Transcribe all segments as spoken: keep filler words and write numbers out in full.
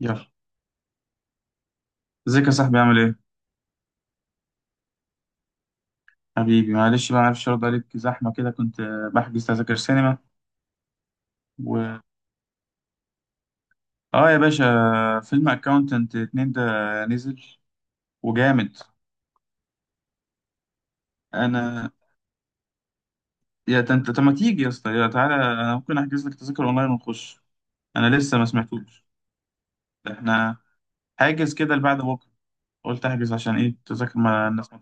يلا. ازيك يا صاحبي؟ عامل ايه؟ حبيبي معلش بقى، معرفش ارد عليك، زحمه كده، كنت آه، بحجز تذاكر سينما. و اه يا باشا، فيلم اكاونتنت اتنين ده نزل وجامد. انا، يا ت- انت طب ما تيجي يا اسطى، يا تعالى، انا ممكن احجز لك تذاكر اونلاين ونخش. انا لسه ما سمعتوش. احنا حاجز كده لبعد بكره، قلت احجز عشان ايه تذاكر، ما الناس ما.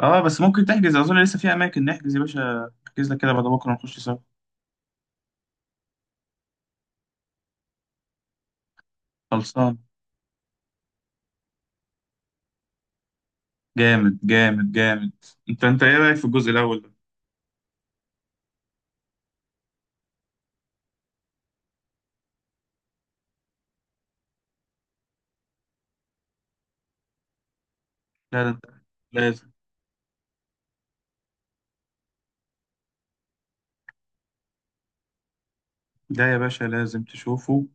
اه بس ممكن تحجز، اظن لسه في اماكن. نحجز يا باشا، احجز لك كده بعد بكره ونخش سوا. خلصان، جامد جامد جامد. انت انت ايه رايك في الجزء الاول؟ لا لا لازم. ده يا باشا لازم تشوفه،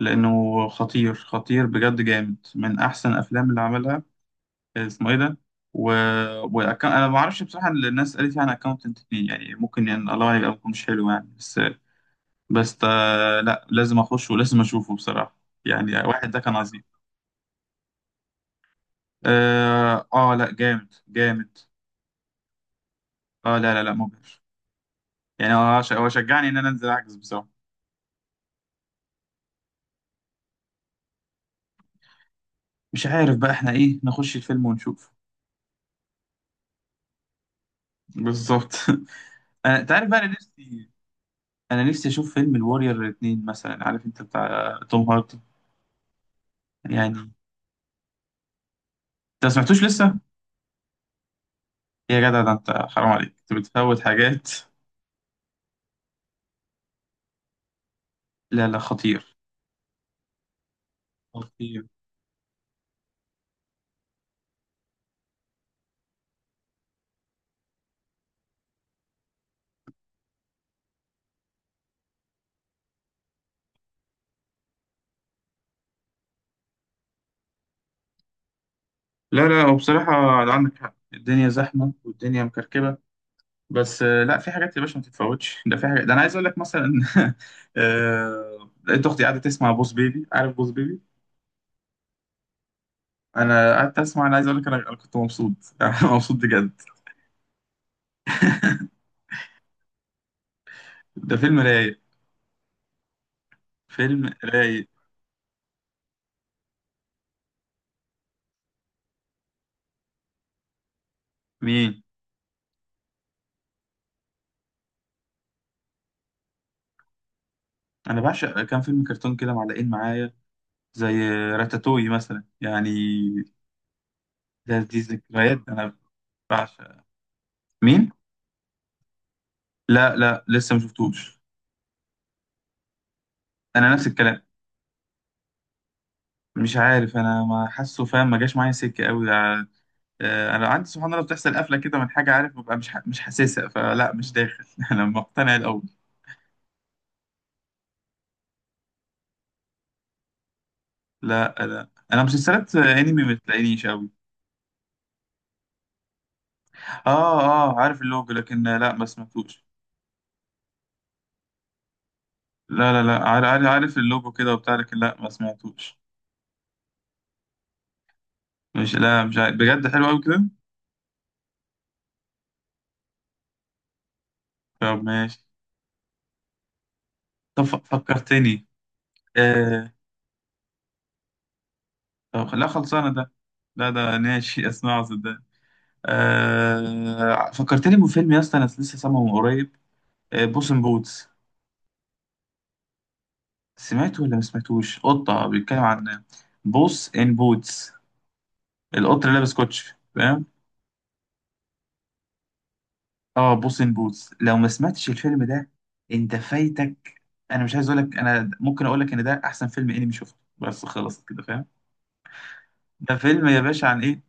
لأنه خطير خطير بجد، جامد من أحسن الأفلام اللي عملها. اسمه إيه ده؟ و... وأك... أنا ما أعرفش بصراحة، اللي الناس قالت يعني أكاونتنت اتنين يعني ممكن، يعني الله، يبقى ممكن مش حلو يعني. بس بس آه، لا لازم أخش ولازم أشوفه بصراحة. يعني واحد ده كان عظيم. آه... آه لا جامد جامد. آه لا لا لا، مبهر. يعني هو هو شجعني إن أنا أنزل أعكس بصراحة. مش عارف بقى، إحنا إيه، نخش الفيلم ونشوف. بالظبط. انا، انت عارف بقى انا نفسي، انا نفسي اشوف فيلم الوارير الاثنين مثلا، عارف انت، بتاع توم هاردي. يعني انت ما سمعتوش لسه؟ يا جدع ده انت حرام عليك، انت بتفوت حاجات. لا لا خطير، خطير. لا لا وبصراحة عندك حق، الدنيا زحمة والدنيا مكركبة. بس آه، لا في حاجات يا باشا ما تتفوتش، ده في حاجات، ده انا عايز اقول لك مثلا. آه، لقيت اختي قاعدة تسمع بوس بيبي، عارف بوس بيبي؟ انا قعدت اسمع، انا عايز اقول لك، انا أنا كنت مبسوط. أنا مبسوط بجد. ده فيلم رايق. فيلم رايق. مين؟ انا بعشق كام فيلم كرتون كده معلقين معايا، زي راتاتوي مثلا يعني. ده دي ذكريات، انا بعشق. مين؟ لا لا لسه ما شفتوش. انا نفس الكلام. مش عارف، انا ما حاسه، فاهم؟ ما جاش معايا سكه قوي. آه، انا عندي سبحان الله بتحصل قفله كده من حاجه، عارف؟ ببقى مش ح- مش حاسسها، فلا مش داخل. انا مقتنع الاول. لا لا، انا مسلسلات انمي ما تلاقينيش قوي. اه اه، عارف اللوجو لكن لا ما سمعتوش. لا لا لا، عار- عار- عارف اللوجو كده وبتاع، لكن لا ما سمعتوش. مش، لا مش عارف. بجد حلو قوي كده؟ طب ماشي. طب ف- فكرتني. آه... طب لا خلصانه ده. لا ده ماشي. اسمعه صدقني. آه... فكرتني بفيلم يا اسطى، انا لسه سامعه من قريب، آه... بوس ان بوتس. سمعته ولا ما سمعتوش؟ قطه بيتكلم عن، بوس ان بوتس، القط اللي لابس كوتش فاهم؟ اه بوس ان بوتس، لو ما سمعتش الفيلم ده انت فايتك. انا مش عايز اقول لك، انا ممكن اقول لك ان ده احسن فيلم انمي شفته، بس خلصت كده فاهم. ده فيلم يا باشا عن ايه،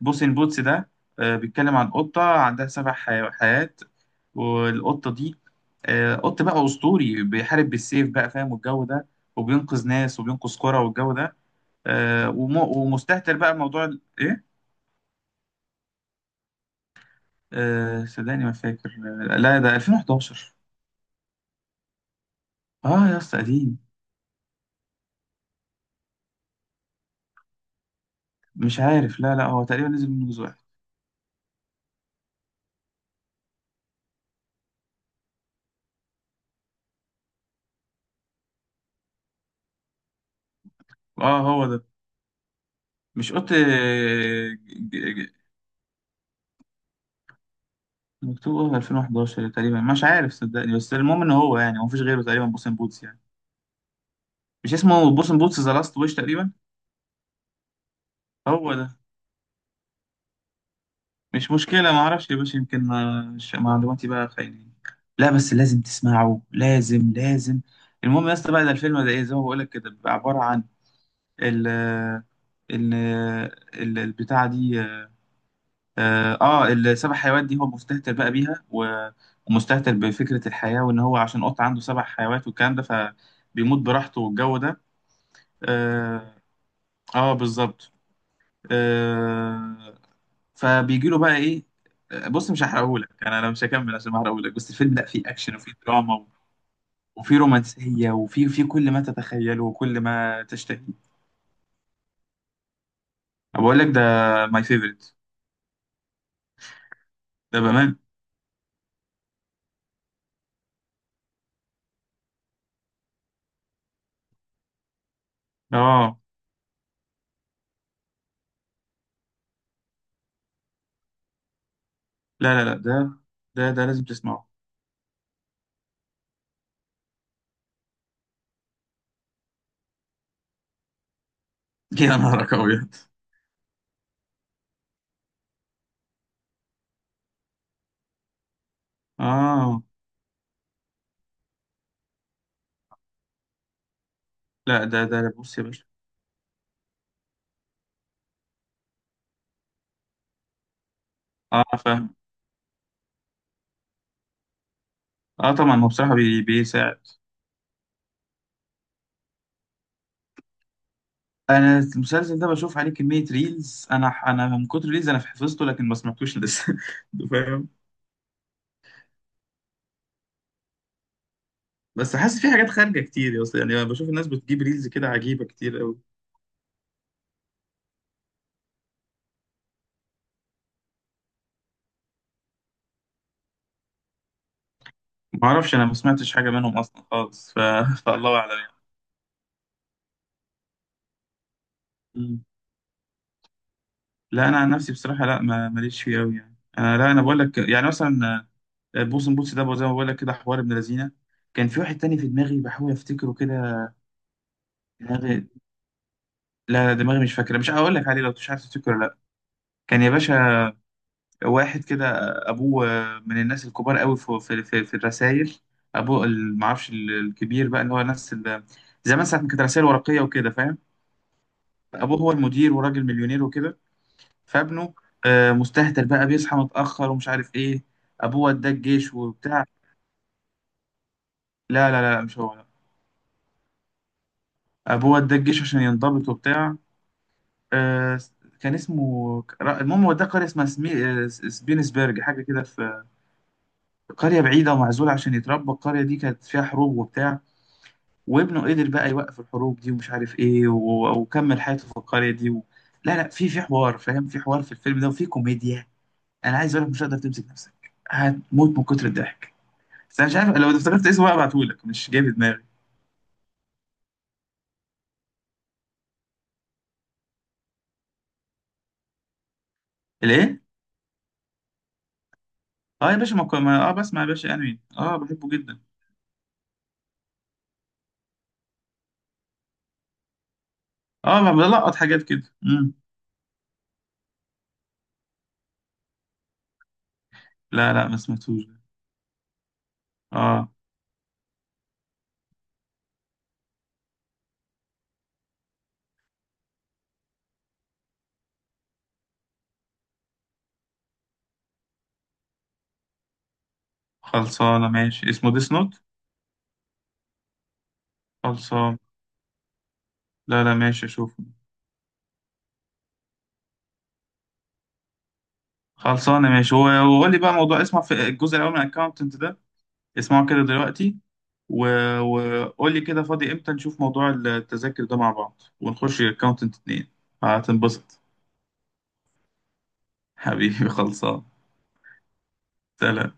بوس ان بوتس ده؟ آه، بيتكلم عن قطة عندها سبع حي- حيات. والقطة دي آه، قط بقى أسطوري، بيحارب بالسيف بقى فاهم، والجو ده. وبينقذ ناس وبينقذ قرى، والجو ده. آه، وم- ومستهتر بقى موضوع ال- ايه. آه، صدقني ما فاكر. آه، لا ده ألفين وأحد عشر. اه يا اسطى قديم. مش عارف، لا لا هو تقريبا نزل منه جزء واحد. اه هو ده. مش قط آه، ج- ج- مكتوب آه ألفين وحداشر تقريبا، مش عارف صدقني، بس المهم ان هو يعني، هو مفيش غيره تقريبا بوسين بوتس يعني. مش اسمه بوسن بوتس ذا لاست ويش تقريبا؟ هو ده. مش مشكلة، ما اعرفش يا باشا، يمكن ما- ش- معلوماتي بقى خاينين. لا بس لازم تسمعه، لازم لازم. المهم يا اسطى بقى، ده الفيلم ده، ايه زي ما بقول لك كده، بيبقى عبارة عن ال ال ال- البتاعة دي، اه آه، السبع حيوانات دي هو مستهتر بقى بيها، و- ومستهتر بفكرة الحياة، وان هو عشان قط عنده سبع حيوانات والكلام ده، فبيموت براحته والجو ده. اه، آه بالظبط. آه، فبيجي له بقى ايه، بص مش هحرقهولك، انا انا مش هكمل عشان ما احرقهولك، بس الفيلم لا، فيه اكشن وفيه دراما وفيه رومانسيه وفيه، في كل ما تتخيله وكل ما تشتهي. بقول لك ده ماي فيفورت، ده بامان. اه لا لا لا، ده ده ده لازم تسمعه. يا نهارك ابيض. اه لا ده، ده ده بص يا باشا. اه فاهم. اه طبعا هو بصراحه بي بيساعد. انا المسلسل ده بشوف عليه كميه ريلز، انا انا من كتر ريلز انا حفظته، لكن ما سمعتوش لسه. فاهم؟ بس حاسس في حاجات خارجه كتير يا اسطى يعني، أنا بشوف الناس بتجيب ريلز كده عجيبه كتير قوي. ما اعرفش، انا ما سمعتش حاجه منهم اصلا خالص، ف... فالله اعلم يعني. مم. لا انا عن نفسي بصراحه لا، ما ماليش فيه قوي يعني. انا لا، انا بقول لك يعني مثلا آه، بوسن بوتس ده زي ما بقول لك كده حوار ابن لذينه. كان في واحد تاني في دماغي بحاول افتكره كده، دماغي، لا دماغي مش فاكره، مش هقول لك عليه، لو مش عارف تفتكره لا. كان يا باشا واحد كده، ابوه من الناس الكبار قوي في في في, في الرسائل. ابوه ال- معرفش ال- الكبير بقى، اللي هو ناس ال- زمان، ساعة ما كانت رسائل ورقية وكده فاهم. ابوه هو المدير وراجل مليونير وكده. فابنه آه، مستهتر بقى، بيصحى متأخر ومش عارف ايه. ابوه وداه الجيش وبتاع. لا لا لا، مش هو لا. ابوه وداه الجيش عشان ينضبط وبتاع. آه، كان اسمه المهم، وداه قرية اسمها سمي... آه، سبينسبرج حاجة كده، في قرية بعيدة ومعزولة عشان يتربى. القرية دي كانت فيها حروب وبتاع، وابنه قدر بقى يوقف الحروب دي ومش عارف ايه، و- وكمل حياته في القرية دي و... لا لا، في في حوار فاهم، في حوار في الفيلم ده وفي كوميديا. انا عايز اقول لك مش هتقدر تمسك نفسك، هتموت من كتر الضحك. بس انا مش عارف، لو افتكرت اسمه بقى ابعتهولك، مش جاي في دماغي. الايه؟ اه يا باشا، ما... كو- ما... اه بسمع يا باشا انمي، اه بحبه جدا. اه ب- بلقط حاجات كده. امم، لا لا ما سمعتوش ده. اه خلصانه ماشي، اسمه ديس نوت. خلصان. لا لا ماشي اشوفه. خلصانه ماشي. هو وقول لي بقى موضوع اسمه في الجزء الاول من الاكونت، اسمعوا كده دلوقتي و... وقول لي كده فاضي امتى، نشوف موضوع التذاكر ده مع بعض ونخش اكونت اتنين. هتنبسط. حبيبي خلصان. سلام.